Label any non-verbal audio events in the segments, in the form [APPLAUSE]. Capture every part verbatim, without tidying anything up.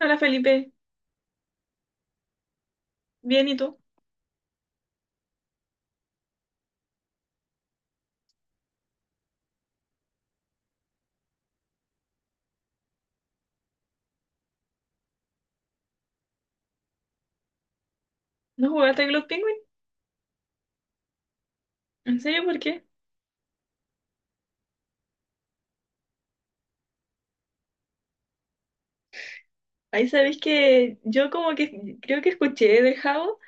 Hola Felipe, bien, ¿y tú? ¿No jugaste a Glock Penguin? ¿En serio? ¿Por qué? Ahí sabéis que yo como que creo que escuché de Jabo,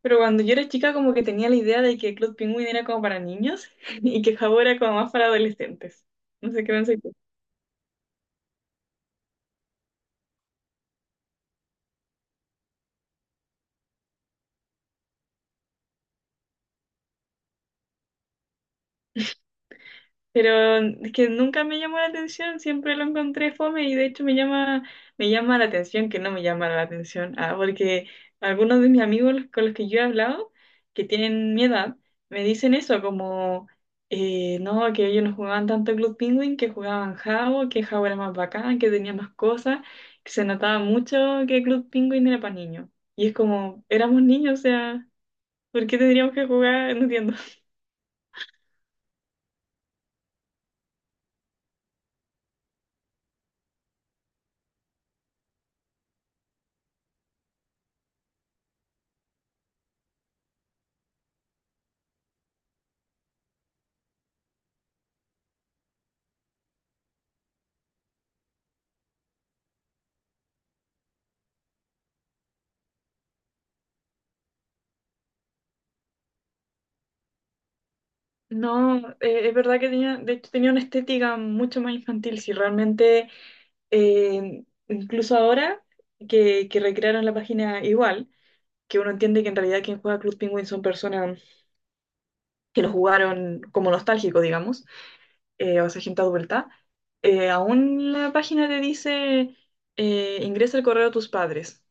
pero cuando yo era chica como que tenía la idea de que Glock Penguin era como para niños [LAUGHS] y que Jabo era como más para adolescentes. No sé qué pensé. Pero es que nunca me llamó la atención, siempre lo encontré fome y de hecho me llama, me llama la atención que no me llama la atención, ah, porque algunos de mis amigos los- con los que yo he hablado, que tienen mi edad, me dicen eso, como, eh, no, que ellos no jugaban tanto Club Penguin, que jugaban Jabo, que Jabo era más bacán, que tenía más cosas, que se notaba mucho que Club Penguin era para niños. Y es como, éramos niños, o sea, ¿por qué tendríamos que jugar? [LAUGHS] No entiendo. No, eh, es verdad que tenía, de hecho tenía una estética mucho más infantil, si realmente, eh, incluso ahora que, que recrearon la página igual, que uno entiende que en realidad quien juega Club Penguin son personas que lo jugaron como nostálgico, digamos, eh, o sea, gente adulta, eh, aún la página te dice, eh, ingresa el correo de tus padres,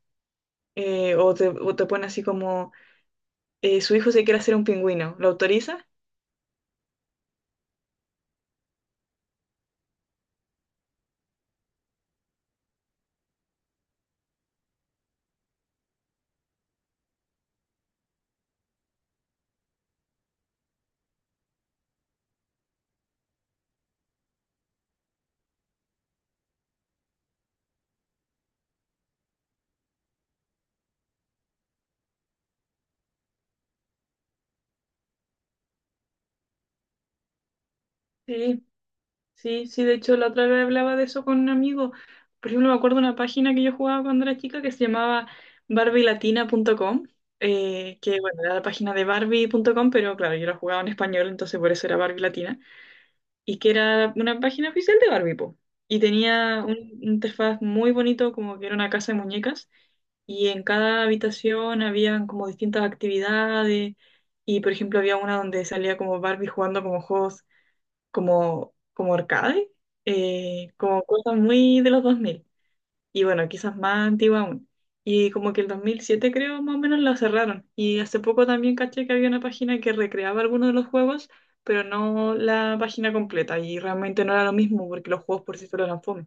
eh, o te, o te pone así como, eh, su hijo se quiere hacer un pingüino, ¿lo autoriza? Sí. Sí, sí, de hecho la otra vez hablaba de eso con un amigo. Por ejemplo, me acuerdo de una página que yo jugaba cuando era chica que se llamaba barbilatina punto com, eh, que bueno, era la página de barbie punto com, pero claro, yo la jugaba en español, entonces por eso era Barbie Latina, y que era una página oficial de Barbie, po. Y tenía un un interfaz muy bonito, como que era una casa de muñecas, y en cada habitación habían como distintas actividades, y por ejemplo había una donde salía como Barbie jugando como juegos como, como arcade, eh, como cosas muy de los dos mil y bueno, quizás más antigua aún. Y como que el dos mil siete creo, más o menos la cerraron. Y hace poco también caché que había una página que recreaba algunos de los juegos, pero no la página completa, y realmente no era lo mismo porque los juegos por sí solos eran fome.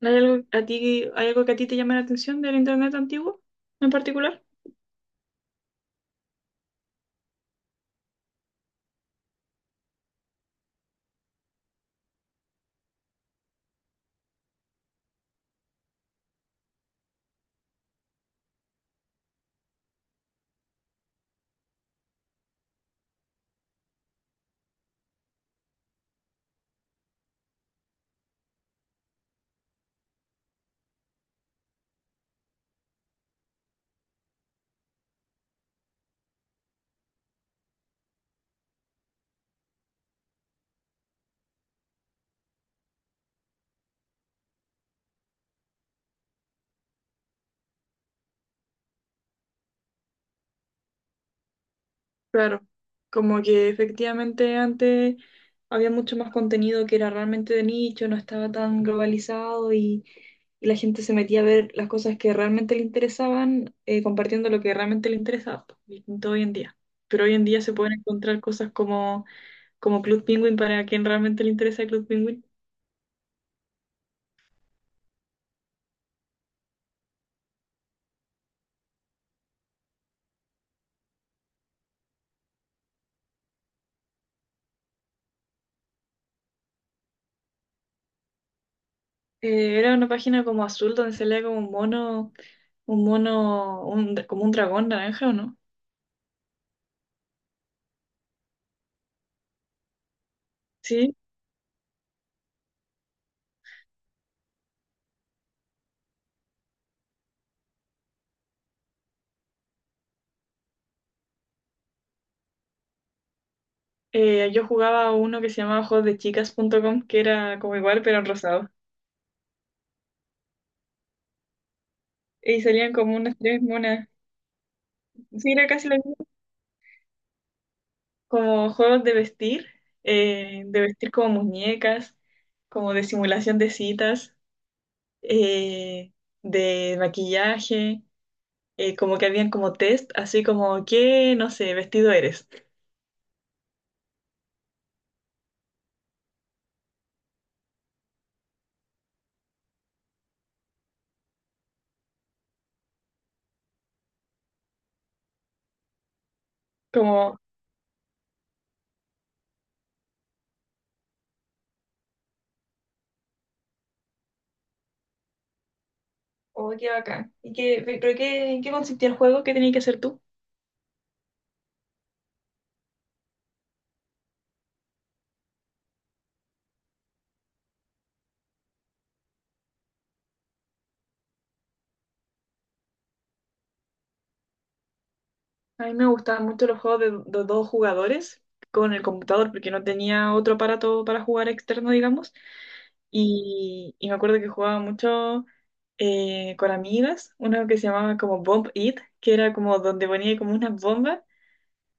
¿Hay algo, a ti, hay algo que a ti te llama la atención del internet antiguo en particular? Claro, como que efectivamente antes había mucho más contenido que era realmente de nicho, no estaba tan globalizado y, y la gente se metía a ver las cosas que realmente le interesaban, eh, compartiendo lo que realmente le interesaba, pues, distinto hoy en día. Pero hoy en día se pueden encontrar cosas como, como Club Penguin para quien realmente le interesa Club Penguin. Eh, era una página como azul donde se leía como un mono, un mono, un- como un dragón naranja, ¿o no? Sí. Eh, yo jugaba uno que se llamaba juegos de chicas punto com, que era como igual, pero en rosado. Y salían como unas tres monas. Sí, era casi lo mismo. Como juegos de vestir, eh, de vestir como muñecas, como de simulación de citas, eh, de maquillaje, eh, como que habían como test, así como, ¿qué, no sé, vestido eres? Como, oh, qué bacán. ¿Y qué, pero qué, en qué consistía el juego? ¿Qué tenías que hacer tú? A mí me gustaban mucho los juegos de, de dos jugadores con el computador, porque no tenía otro aparato para jugar externo, digamos. Y, y me acuerdo que jugaba mucho eh, con amigas, uno que se llamaba como Bomb It, que era como donde ponía como unas bombas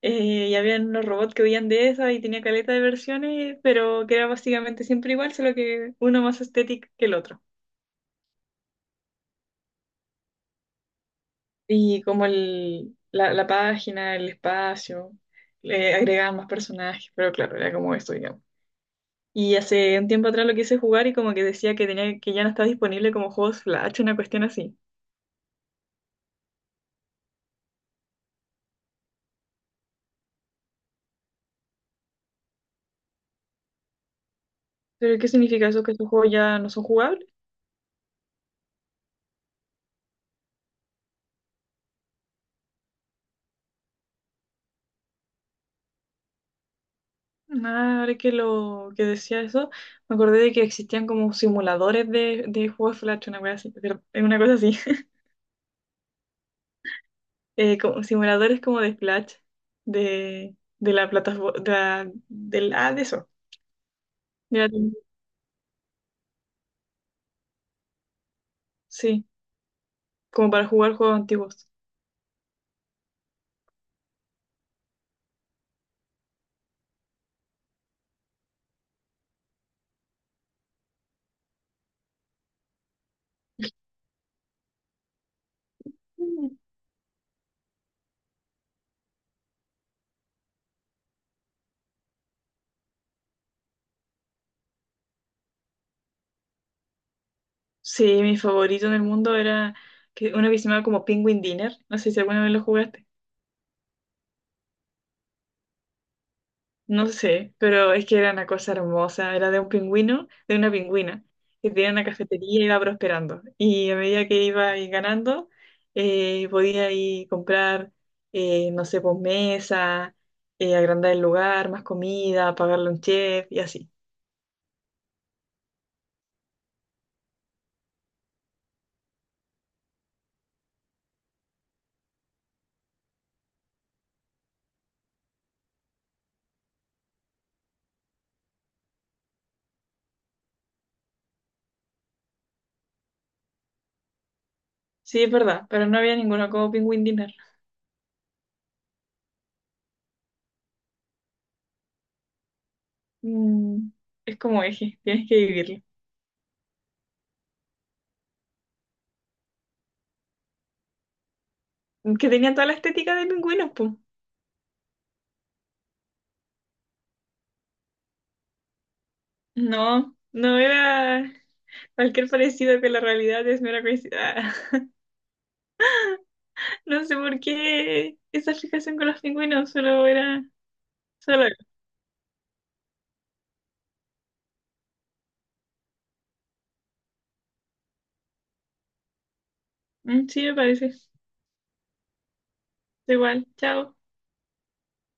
eh, y había unos robots que huían de esas y tenía caleta de versiones, pero que era básicamente siempre igual, solo que uno más estético que el otro. Y como el, la, la página, el espacio, le agregaban más personajes, pero claro, era como esto, digamos. Y hace un tiempo atrás lo quise jugar y como que decía que tenía que ya no está disponible como juegos Flash, una cuestión así. ¿Pero qué significa eso? ¿Que esos juegos ya no son jugables? Nada, ahora que lo que decía eso, me acordé de que existían como simuladores de, de juegos Flash, una cosa así, pero- eh, una cosa así. [LAUGHS] Eh, como simuladores como de Flash, de, de la plataforma, de la, del- ah, de eso. De la- sí, como para jugar juegos antiguos. Sí, mi favorito en el mundo era que uno que se llamaba como Penguin Dinner. No sé si alguna vez lo jugaste. No sé, pero es que era una cosa hermosa. Era de un pingüino, de una pingüina, que tenía una cafetería y iba prosperando. Y a medida que iba ahí ganando, eh, podía ir comprar, eh, no sé, pues mesa, eh, agrandar el lugar, más comida, pagarle un chef y así. Sí, es verdad, pero no había ninguno como Penguin Dinner. Mm, es como eje, tienes que vivirlo. Que tenía toda la estética de pingüinos, pues. No, no era cualquier parecido con la realidad, es mera coincidencia. [LAUGHS] No sé por qué esa fijación con los pingüinos, solo era, solo era. Mm, sí, me parece. Da Igual, chao.